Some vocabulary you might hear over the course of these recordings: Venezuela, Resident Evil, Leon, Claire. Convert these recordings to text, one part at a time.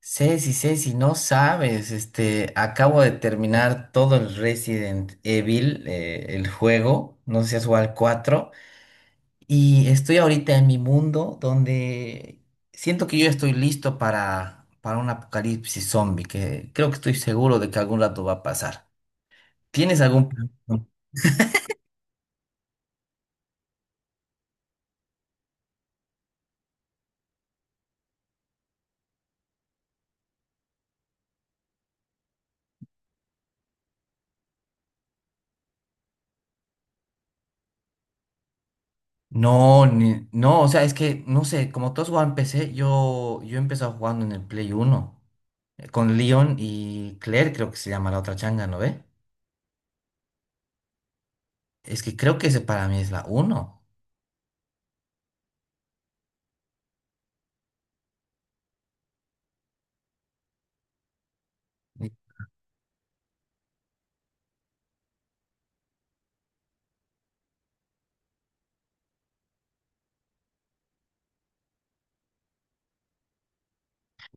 Ceci, Ceci, no sabes, acabo de terminar todo el Resident Evil, el juego, no sé si has jugado al 4, y estoy ahorita en mi mundo donde siento que yo estoy listo para un apocalipsis zombie, que creo que estoy seguro de que algún rato va a pasar. ¿Tienes algún plan? No, no, o sea, es que, no sé, como todos juegan en PC, yo he empezado jugando en el Play uno con Leon y Claire, creo que se llama la otra changa, ¿no ve? Es que creo que ese para mí es la uno.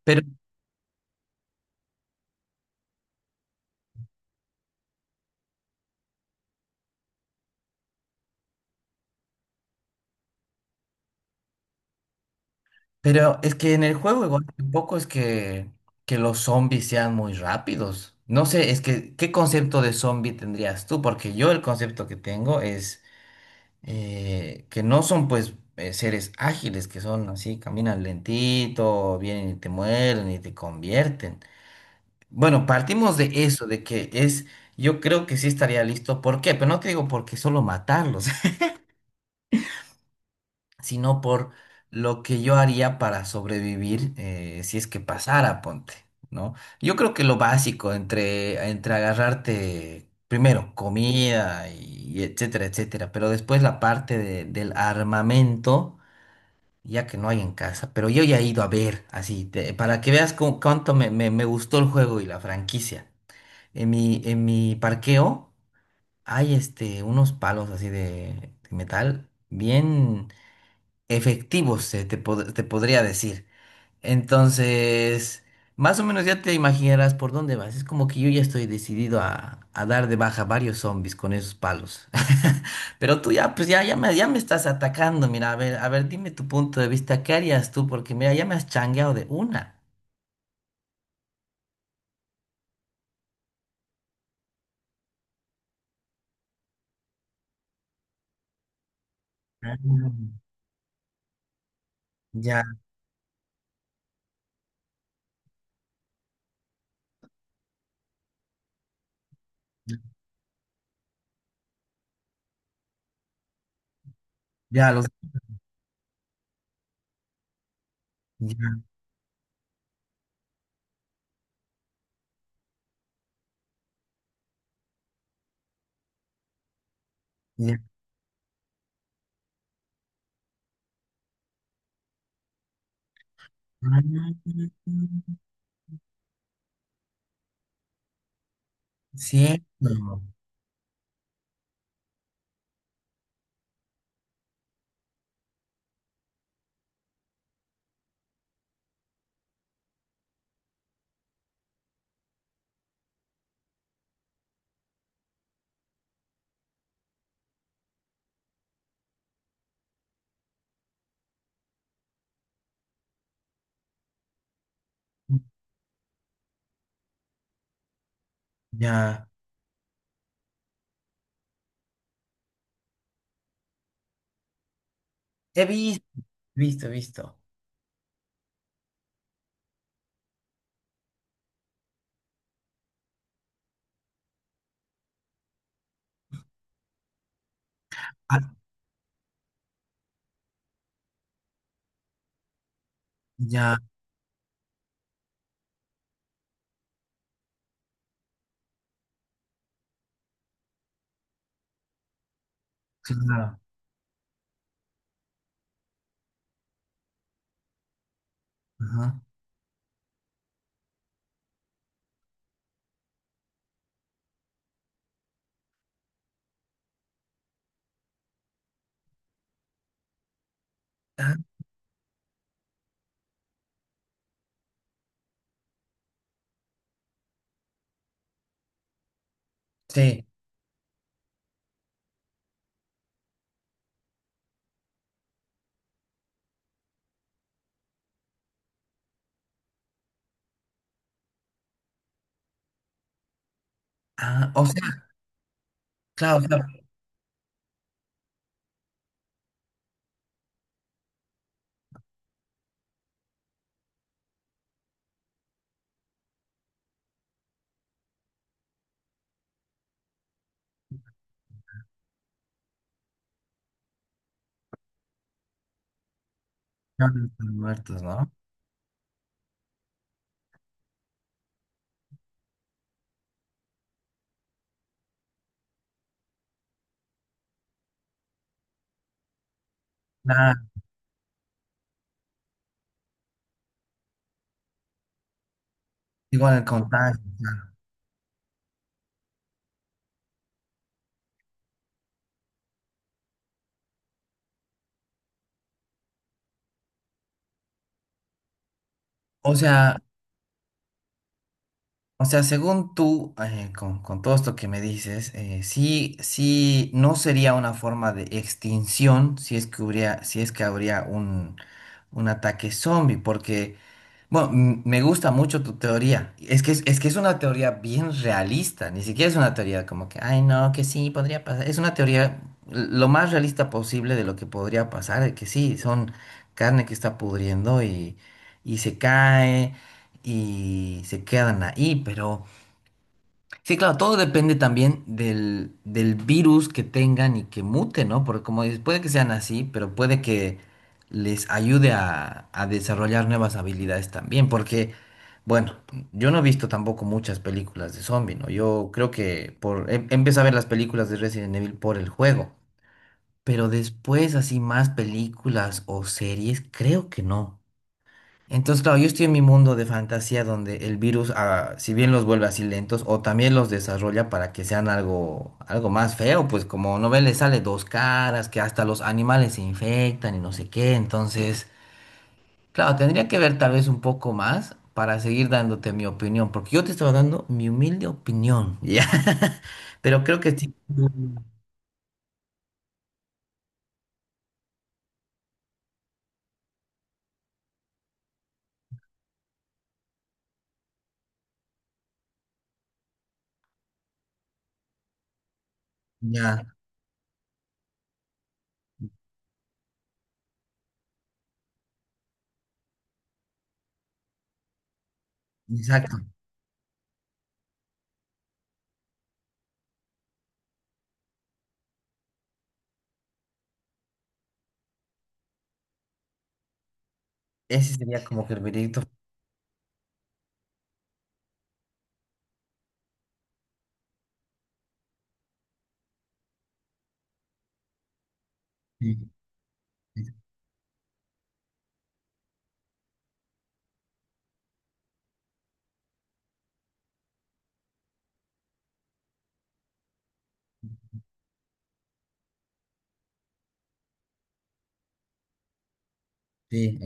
Pero, pero es que en el juego igual tampoco es que los zombies sean muy rápidos. No sé, es que, ¿qué concepto de zombie tendrías tú? Porque yo el concepto que tengo es que no son pues seres ágiles, que son así, caminan lentito, vienen y te mueren y te convierten. Bueno, partimos de eso, de que es, yo creo que sí estaría listo. ¿Por qué? Pero no te digo porque solo matarlos, sino por lo que yo haría para sobrevivir si es que pasara, ponte, ¿no? Yo creo que lo básico entre agarrarte primero comida y etcétera, etcétera, pero después la parte del armamento, ya que no hay en casa, pero yo ya he ido a ver, así, para que veas cuánto me gustó el juego y la franquicia. En mi parqueo hay unos palos así de metal bien efectivos, te podría decir. Entonces, más o menos ya te imaginarás por dónde vas. Es como que yo ya estoy decidido a dar de baja varios zombies con esos palos. Pero tú ya, pues ya, ya me estás atacando. Mira, a ver, dime tu punto de vista. ¿Qué harías tú? Porque mira, ya me has changueado de una. Ah. Ya, ya los, ya, ya. Ah. Cierto. Ya. He visto, visto, visto. Ah, ya, claro. Ajá. Ah, sí. Ah, o sea, claro, o sea, no no están muertos, ¿no? Ah, igual el contagio. Claro. O sea, o sea, según tú, con todo esto que me dices, sí, sí, no sería una forma de extinción si es que hubiera, si es que habría un ataque zombie, porque bueno, me gusta mucho tu teoría. Es que es una teoría bien realista. Ni siquiera es una teoría como que, ay, no, que sí, podría pasar. Es una teoría lo más realista posible de lo que podría pasar, de que sí, son carne que está pudriendo y se cae y se quedan ahí, pero... Sí, claro, todo depende también del, del virus que tengan y que mute, ¿no? Porque como dices, puede que sean así, pero puede que les ayude a desarrollar nuevas habilidades también, porque, bueno, yo no he visto tampoco muchas películas de zombie, ¿no? Yo creo que por, empecé a ver las películas de Resident Evil por el juego, pero después así más películas o series, creo que no. Entonces, claro, yo estoy en mi mundo de fantasía donde el virus, ah, si bien los vuelve así lentos, o también los desarrolla para que sean algo, algo más feo, pues como no ven, le sale dos caras, que hasta los animales se infectan y no sé qué. Entonces, claro, tendría que ver tal vez un poco más para seguir dándote mi opinión, porque yo te estaba dando mi humilde opinión, ¿ya? Pero creo que sí, ya, exacto. Ese sería como que el veredicto. Sí, sí, sí,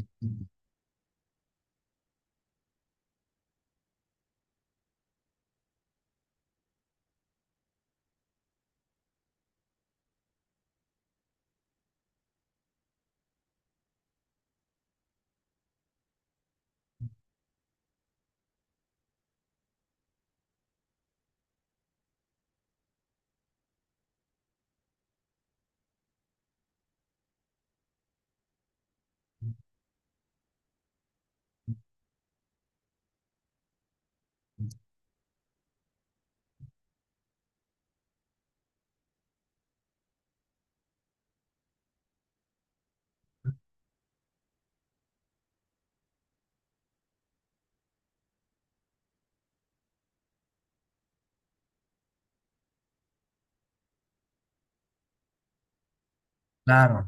claro,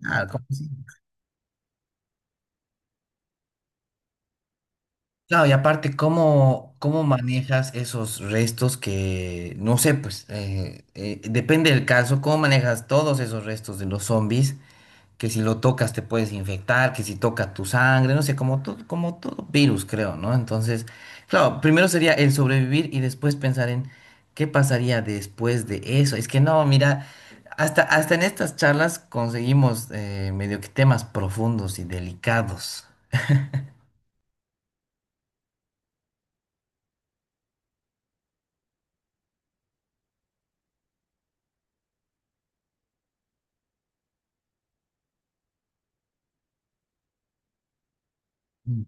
claro, como si- claro, y aparte, ¿cómo, cómo manejas esos restos que, no sé, pues, depende del caso, ¿cómo manejas todos esos restos de los zombies? Que si lo tocas te puedes infectar, que si toca tu sangre, no sé, como todo virus, creo, ¿no? Entonces, claro, primero sería el sobrevivir y después pensar en qué pasaría después de eso. Es que no, mira, hasta, hasta en estas charlas conseguimos medio que temas profundos y delicados. Mm.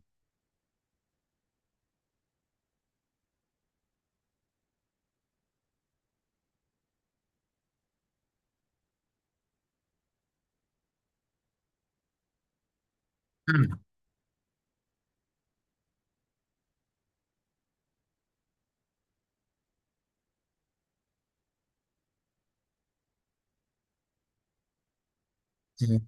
Sí.